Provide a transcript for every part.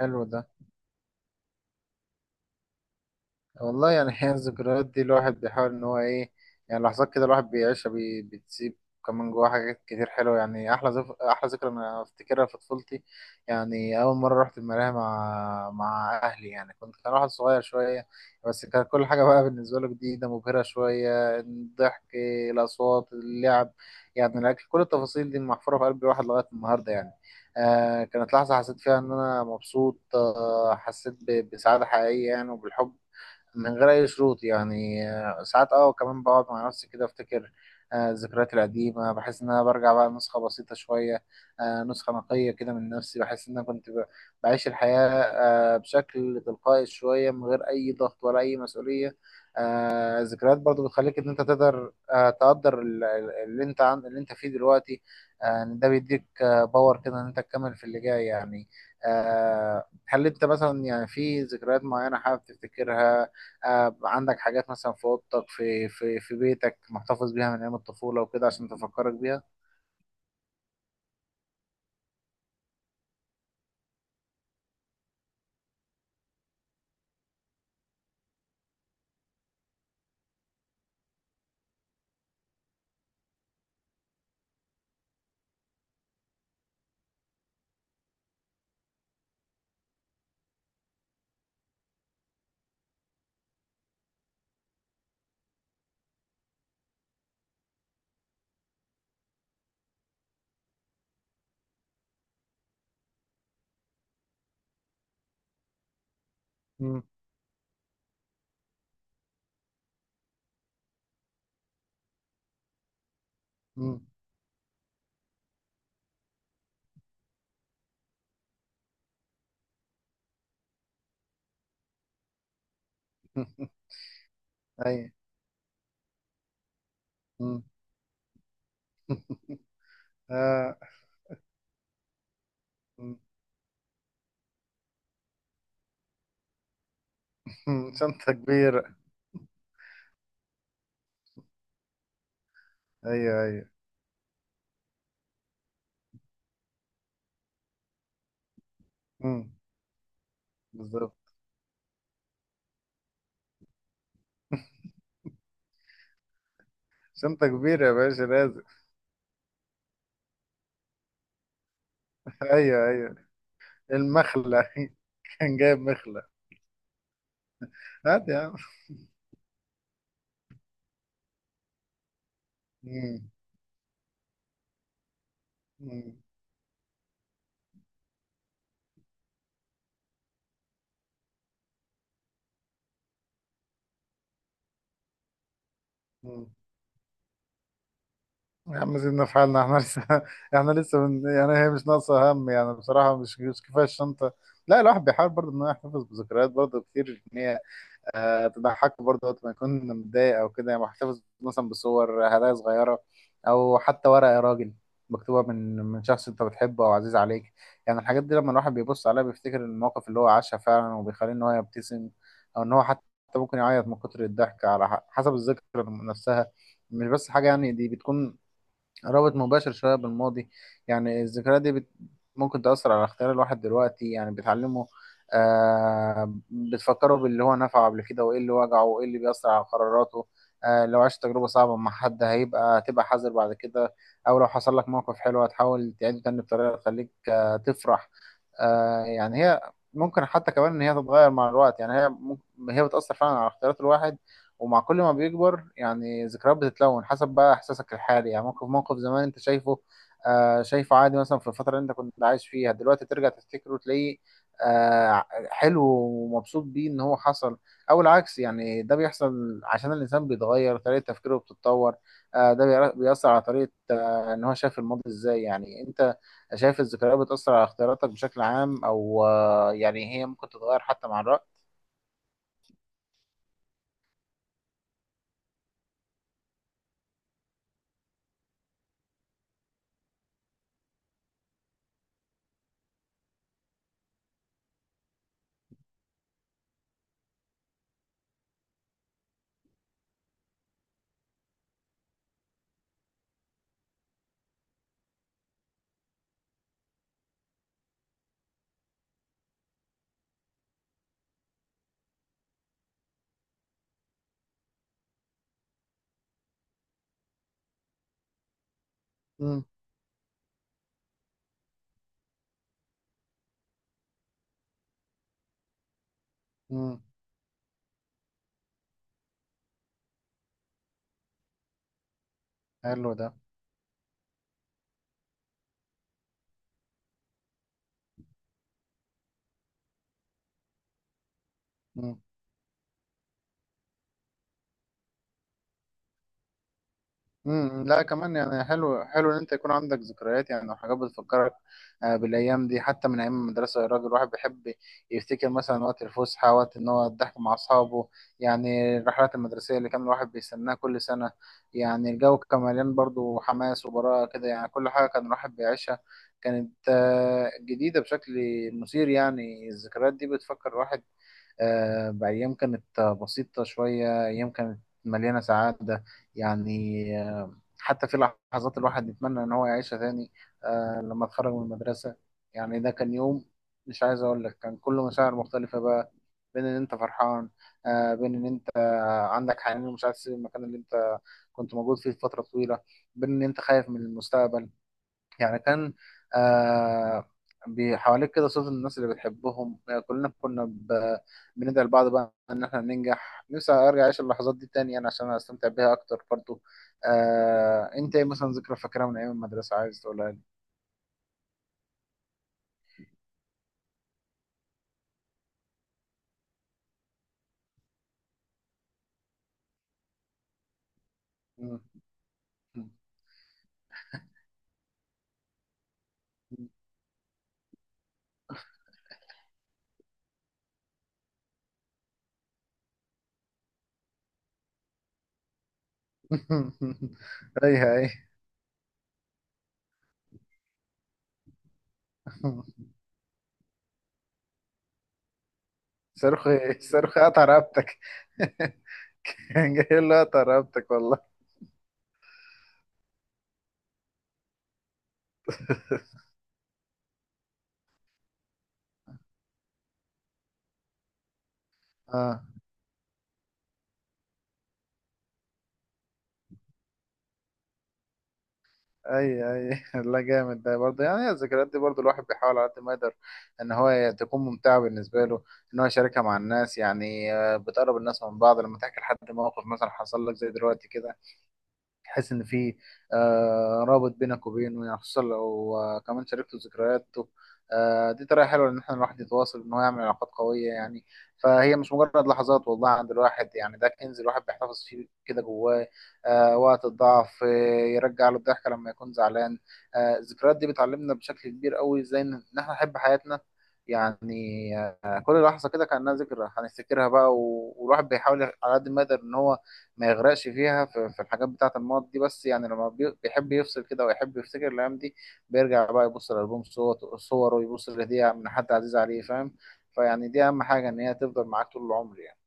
حلو ده. والله يعني هي الذكريات دي الواحد بيحاول ان هو ايه. يعني لحظات كده الواحد بيعيشها بتسيب كمان جواه حاجات كتير حلوه، يعني احلى احلى ذكرى انا افتكرها في طفولتي. يعني اول مره رحت الملاهي مع اهلي، يعني كان واحد صغير شويه، بس كان كل حاجه بقى بالنسبه له جديده مبهره شويه، الضحك، الاصوات، اللعب، يعني الاكل، كل التفاصيل دي محفوره في قلب الواحد لغايه النهارده يعني. كانت لحظه حسيت فيها ان انا مبسوط، حسيت بسعاده حقيقيه يعني، وبالحب من غير أي شروط يعني، ساعات وكمان بقعد مع نفسي كده أفتكر الذكريات القديمة، بحس إن أنا برجع بقى نسخة بسيطة شوية، نسخة نقية كده من نفسي، بحس إن أنا كنت بعيش الحياة بشكل تلقائي شوية، من غير أي ضغط ولا أي مسؤولية. الذكريات برضو بتخليك إن أنت تقدر، تقدر اللي أنت عن اللي أنت فيه دلوقتي، إن ده بيديك باور كده إن أنت تكمل في اللي جاي يعني. هل أنت مثلا يعني في ذكريات معينة حابب تفتكرها؟ عندك حاجات مثلا في اوضتك في بيتك محتفظ بيها من ايام الطفوله وكده عشان تفكرك بيها؟ مم. مم. ايوه. مم. آه. مم. شنطه كبيره. ايوه ايوه. مم. بالظبط. شنطه كبيره يا باشا، لازم. ايوه ايوه. المخله. كان جايب مخله. هات يا عم. مم. مم. مم. يا عم سيبنا في حالنا، احنا لسه احنا لسه من يعني هي مش ناقصة هم، يعني بصراحة مش كفاية الشنطة. لا، الواحد بيحاول برضه ان هو يحتفظ بذكريات برضه كتير، ان هي تضحكه برضه وقت ما يكون متضايق او كده، يعني محتفظ مثلا بصور، هدايا صغيرة، او حتى ورقة يا راجل مكتوبة من شخص انت بتحبه او عزيز عليك. يعني الحاجات دي لما الواحد بيبص عليها بيفتكر المواقف اللي هو عاشها فعلا، وبيخليه ان هو يبتسم، او ان هو حتى ممكن يعيط من كتر الضحك على حسب الذكرى نفسها. مش بس حاجة، يعني دي بتكون رابط مباشر شوية بالماضي. يعني الذكريات دي ممكن تأثر على اختيار الواحد دلوقتي، يعني بتعلمه، بتفكره باللي هو نفعه قبل كده وإيه اللي وجعه وإيه اللي بيأثر على قراراته. لو عشت تجربة صعبة مع حد تبقى حذر بعد كده، أو لو حصل لك موقف حلو هتحاول تعيده تاني بطريقة تخليك تفرح. يعني هي ممكن حتى كمان إن هي تتغير مع الوقت، يعني هي ممكن هي بتأثر فعلا على اختيارات الواحد، ومع كل ما بيكبر، يعني ذكريات بتتلون حسب بقى احساسك الحالي، يعني موقف زمان انت شايفه شايفه عادي، مثلا في الفتره اللي انت كنت عايش فيها دلوقتي ترجع تفتكره وتلاقيه آه حلو ومبسوط بيه ان هو حصل، او العكس. يعني ده بيحصل عشان الانسان بيتغير، طريقه تفكيره بتتطور، ده بيأثر على طريقه ان هو شايف الماضي ازاي. يعني انت شايف الذكريات بتأثر على اختياراتك بشكل عام، او يعني هي ممكن تتغير حتى مع الوقت؟ امم. امم. حلو ده. امم. لا، كمان يعني حلو حلو ان انت يكون عندك ذكريات يعني او حاجات بتفكرك بالايام دي، حتى من ايام المدرسه يا راجل الواحد بيحب يفتكر مثلا وقت الفسحه، وقت ان هو الضحك مع اصحابه، يعني الرحلات المدرسيه اللي كان الواحد بيستناها كل سنه. يعني الجو كان مليان برضه حماس وبراءه كده، يعني كل حاجه كان الواحد بيعيشها كانت جديده بشكل مثير. يعني الذكريات دي بتفكر الواحد بأيام كانت بسيطة شوية، أيام كانت مليانة سعادة، يعني حتى في لحظات الواحد يتمنى إن هو يعيشها تاني. لما اتخرج من المدرسة، يعني ده كان يوم مش عايز أقول لك، كان كله مشاعر مختلفة بقى، بين إن أنت فرحان، بين إن أنت عندك حنين ومش عايز تسيب المكان اللي أنت كنت موجود فيه فترة طويلة، بين إن أنت خايف من المستقبل. يعني كان آه بحواليك كده صوت الناس اللي بتحبهم، كلنا كنا بندعي لبعض بقى ان احنا ننجح. نفسي ارجع اعيش اللحظات دي تاني يعني عشان استمتع بيها اكتر برضو. انت ايه مثلا ذكرى فاكرها من ايام المدرسة عايز تقولها لي؟ مم. ايوه ايوه. صاروخي صاروخي قطع رقبتك. كان جاي له قطع رقبتك والله. اه. اي اي. لا جامد ده برضه، يعني الذكريات دي برضه الواحد بيحاول على قد ما يقدر ان هو تكون ممتعه بالنسبه له، ان هو يشاركها مع الناس، يعني بتقرب الناس من بعض لما تحكي لحد موقف مثلا حصل لك زي دلوقتي كده، تحس ان في رابط بينك وبينه، يعني خصوصا لو كمان شاركته ذكرياته. دي طريقه حلوه ان احنا الواحد يتواصل ان هو يعمل علاقات قويه يعني. فهي مش مجرد لحظات والله عند الواحد، يعني ده كنز الواحد بيحتفظ فيه كده جواه وقت الضعف، يرجع له الضحكه لما يكون زعلان. الذكريات دي بتعلمنا بشكل كبير قوي ازاي إن احنا نحب حياتنا، يعني كل لحظه كده كانها ذكرى هنفتكرها بقى، والواحد بيحاول على قد ما يقدر ان هو ما يغرقش فيها، في الحاجات بتاعة الماضي دي، بس يعني لما بيحب يفصل كده ويحب يفتكر الأيام دي بيرجع بقى يبص لألبوم صور صوره، ويبص لهدية من حد عزيز عليه، فاهم؟ فيعني دي أهم حاجة، إن هي تفضل معاك طول العمر يعني.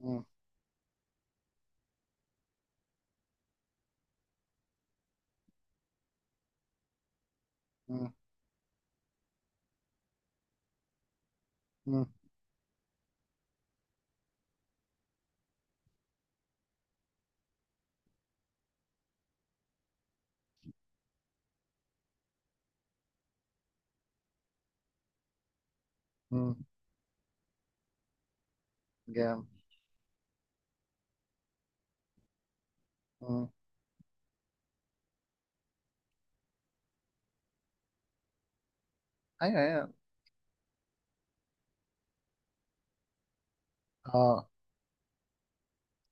مم. مم. مم. مم. جامد. مم. أيوه أيوه. أه.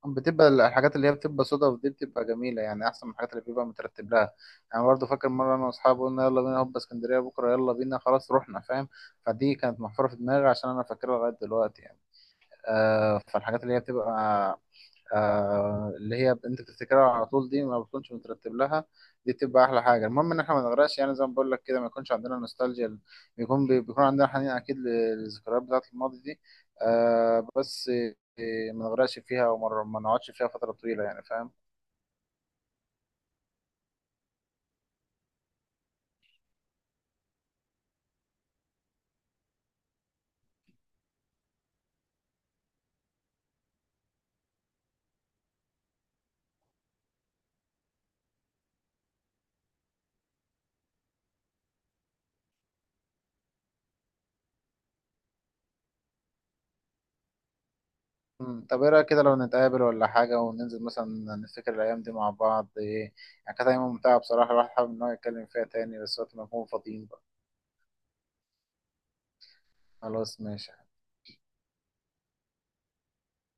بتبقى الحاجات اللي هي بتبقى صدف دي بتبقى جميلة، يعني أحسن من الحاجات اللي بيبقى مترتب لها. يعني برضه فاكر مرة أنا وأصحابي قلنا يلا بينا هوب اسكندرية بكرة، يلا بينا، خلاص رحنا، فاهم؟ فدي كانت محفورة في دماغي عشان أنا فاكرها لغاية دلوقتي يعني. فالحاجات اللي هي بتبقى اللي هي انت بتفتكرها على طول دي ما بتكونش مترتب لها، دي بتبقى احلى حاجه. المهم ان احنا ما نغرقش، يعني زي ما بقول لك كده، ما يكونش عندنا نوستالجيا. بيكون بيكون عندنا حنين اكيد للذكريات بتاعه الماضي دي، بس ما نغرقش فيها، وما ما نقعدش فيها فتره طويله، يعني فاهم؟ مم. طب ايه رايك كده لو نتقابل ولا حاجه، وننزل مثلا نفتكر الايام دي مع بعض، إيه؟ يعني كانت ايام ممتعه بصراحه، الواحد حابب ان هو يتكلم فيها تاني، بس وقت ما نكون فاضيين بقى. خلاص ماشي.